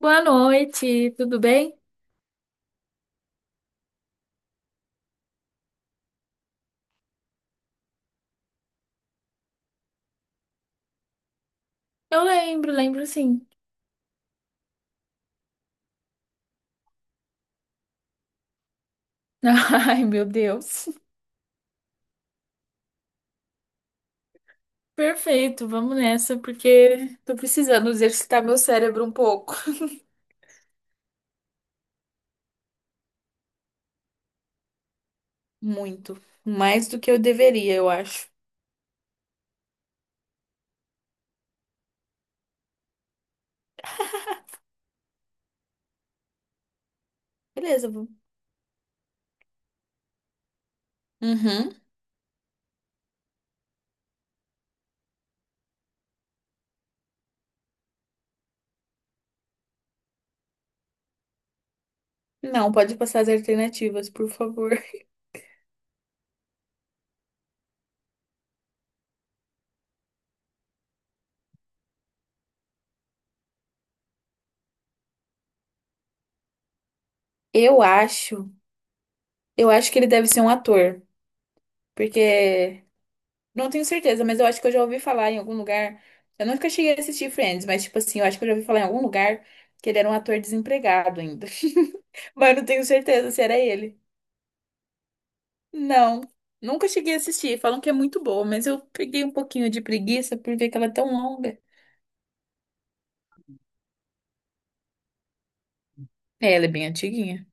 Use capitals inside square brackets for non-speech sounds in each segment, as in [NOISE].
Boa noite, tudo bem? Lembro sim. [LAUGHS] Ai, meu Deus. Perfeito, vamos nessa, porque tô precisando exercitar meu cérebro um pouco. Muito. Mais do que eu deveria, eu acho. Beleza, vou. Uhum. Não, pode passar as alternativas, por favor. [LAUGHS] Eu acho. Que ele deve ser um ator, porque não tenho certeza, mas eu acho que eu já ouvi falar em algum lugar. Eu nunca cheguei a assistir Friends, mas, tipo assim, eu acho que eu já ouvi falar em algum lugar que ele era um ator desempregado ainda. [LAUGHS] Mas eu não tenho certeza se era ele. Não, nunca cheguei a assistir. Falam que é muito boa, mas eu peguei um pouquinho de preguiça por ver que ela é tão longa. É, ela é bem antiguinha.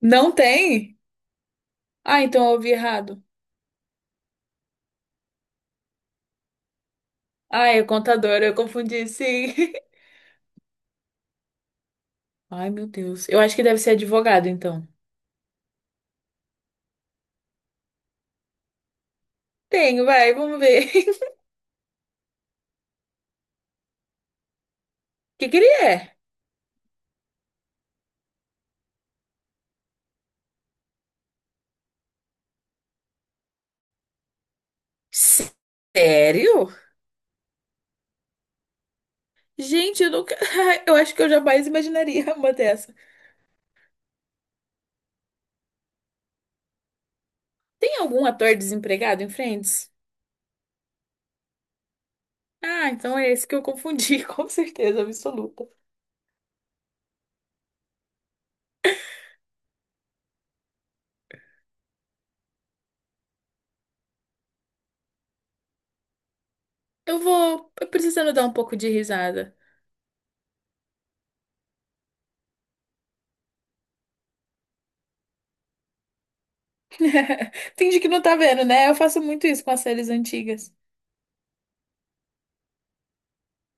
Não tem? Ah, então eu ouvi errado. Ah, é contador, eu confundi, sim. [LAUGHS] Ai, meu Deus. Eu acho que deve ser advogado, então. Tenho, vai, vamos ver. [LAUGHS] O que que ele é? Sério? Gente, eu nunca. [LAUGHS] Eu acho que eu jamais imaginaria [LAUGHS] uma dessa. Tem algum ator desempregado em Friends? Ah, então é esse que eu confundi, [LAUGHS] com certeza absoluta. Eu vou. Eu precisando dar um pouco de risada. [LAUGHS] Finge que não tá vendo, né? Eu faço muito isso com as séries antigas.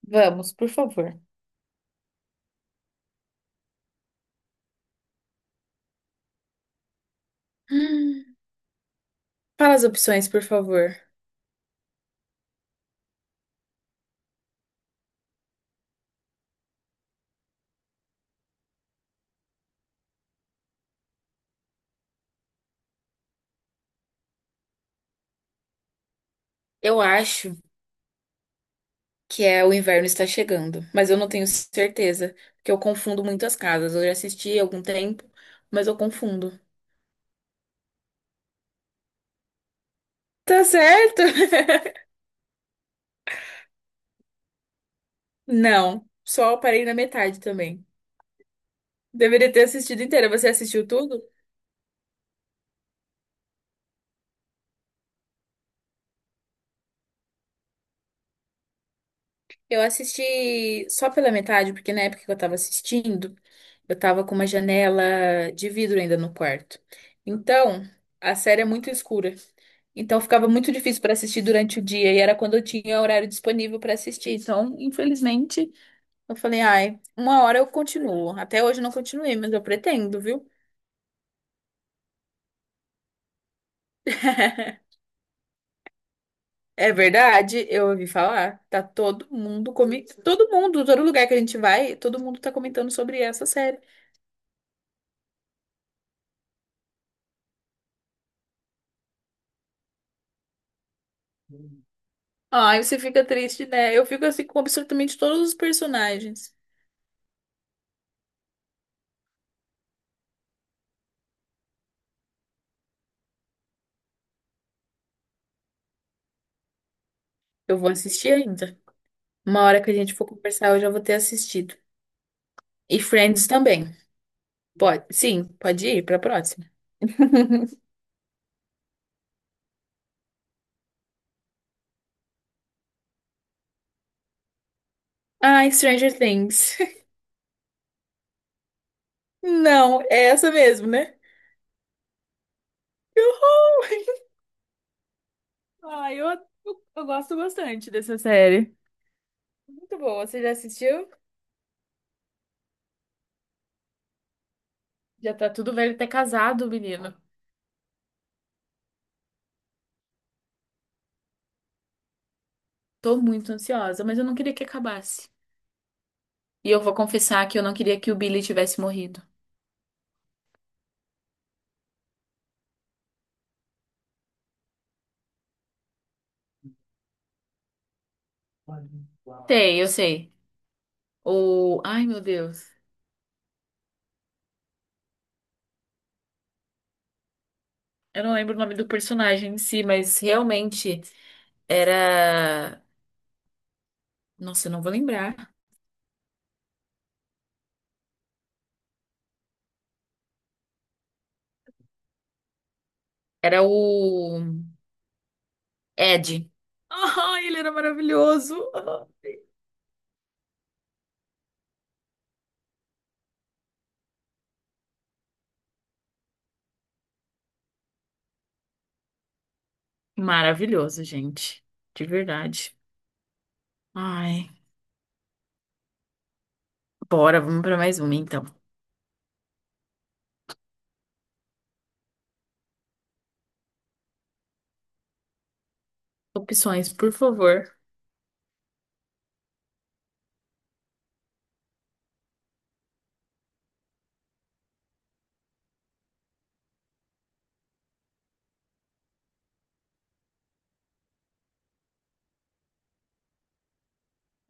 Vamos, por favor. [GASPS] Hum. Fala as opções, por favor. Eu acho que é o inverno está chegando, mas eu não tenho certeza, porque eu confundo muito as casas. Eu já assisti há algum tempo, mas eu confundo. Tá certo? [LAUGHS] Não, só parei na metade também. Deveria ter assistido inteira. Você assistiu tudo? Eu assisti só pela metade, porque na época que eu tava assistindo, eu tava com uma janela de vidro ainda no quarto. Então, a série é muito escura. Então, ficava muito difícil para assistir durante o dia, e era quando eu tinha horário disponível para assistir. Então, infelizmente, eu falei, ai, uma hora eu continuo. Até hoje eu não continuei, mas eu pretendo, viu? [LAUGHS] É verdade, eu ouvi falar. Tá todo mundo comentando. Todo mundo, todo lugar que a gente vai, todo mundo tá comentando sobre essa série. Ai, você fica triste, né? Eu fico assim com absolutamente todos os personagens. Eu vou assistir ainda. Uma hora que a gente for conversar, eu já vou ter assistido. E Friends também. Pode, sim, pode ir pra próxima. Ai, Stranger Things. [LAUGHS] Não, é essa mesmo, né? Que horror. Ai, eu, eu gosto bastante dessa série. Muito boa. Você já assistiu? Já tá tudo velho até casado, menino. Tô muito ansiosa, mas eu não queria que acabasse. E eu vou confessar que eu não queria que o Billy tivesse morrido. Sei, eu sei. O. Ai, meu Deus. Eu não lembro o nome do personagem em si, mas realmente era. Nossa, eu não vou lembrar. Era o Ed. Ah, ele era maravilhoso. Ah. Maravilhoso, gente. De verdade. Ai. Bora, vamos pra mais uma então. Opções, por favor.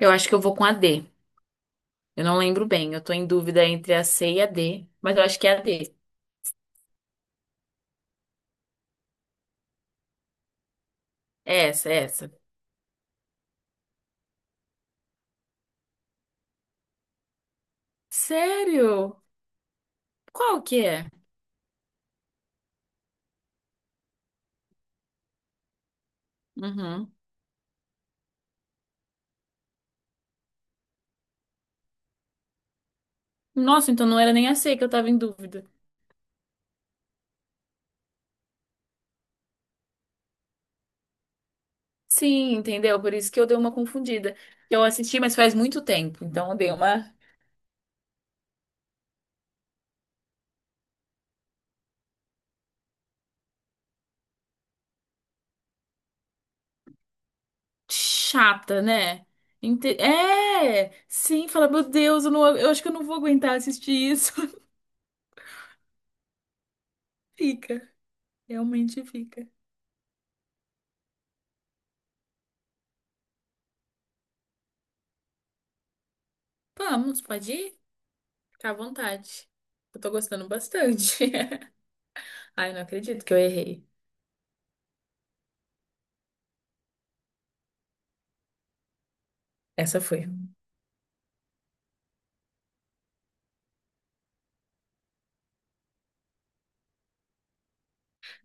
Eu acho que eu vou com a D. Eu não lembro bem, eu tô em dúvida entre a C e a D, mas eu acho que é a D. É essa, é essa. Sério? Qual que é? Uhum. Nossa, então não era nem a C que eu tava em dúvida. Sim, entendeu? Por isso que eu dei uma confundida. Eu assisti, mas faz muito tempo, então eu dei uma chata, né? Ente- É! Sim, fala, meu Deus, eu, não, eu acho que eu não vou aguentar assistir isso. [LAUGHS] Fica, realmente fica. Vamos, pode ir? Fica à vontade. Eu tô gostando bastante. [LAUGHS] Ai, não acredito que eu errei. Essa foi.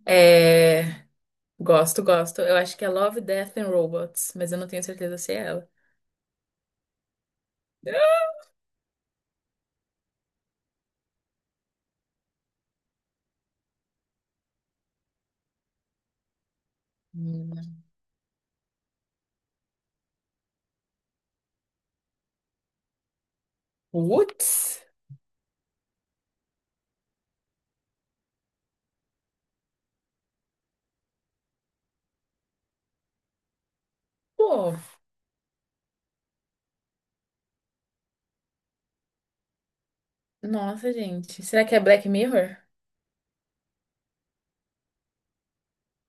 É... Gosto, gosto. Eu acho que é Love, Death and Robots, mas eu não tenho certeza se é ela. Hum. Putz! Pô, nossa, gente. Será que é Black Mirror?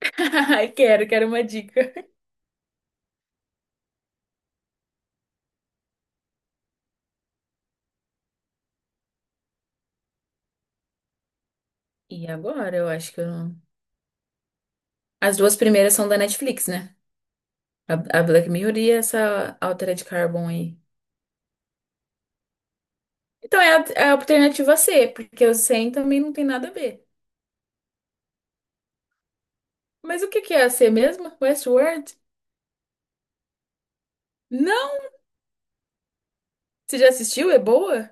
[LAUGHS] Ai, quero uma dica. E agora? Eu acho que eu não... As duas primeiras são da Netflix, né? A, a Black Mirror e essa Altered Carbon aí. Então é a alternativa C, porque o 100 também não tem nada a ver. Mas o que que é a C mesmo? Westworld? Não! Você já assistiu? É boa?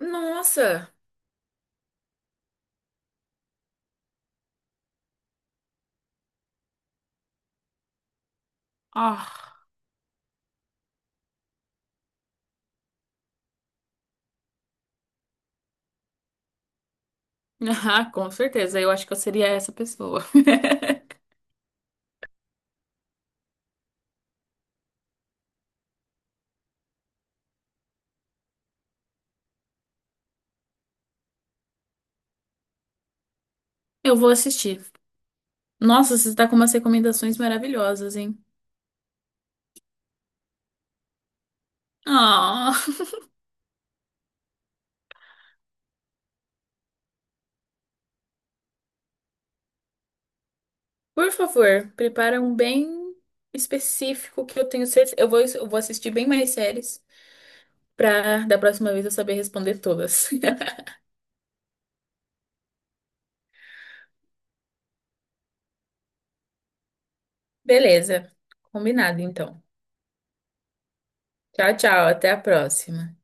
Nossa! Ah, [LAUGHS] com certeza. Eu acho que eu seria essa pessoa. Eu vou assistir. Nossa, você está com umas recomendações maravilhosas, hein? Ah, por favor, prepara um bem específico que eu tenho certeza. Eu vou assistir bem mais séries para da próxima vez eu saber responder todas. [LAUGHS] Beleza, combinado então. Tchau, tchau, até a próxima.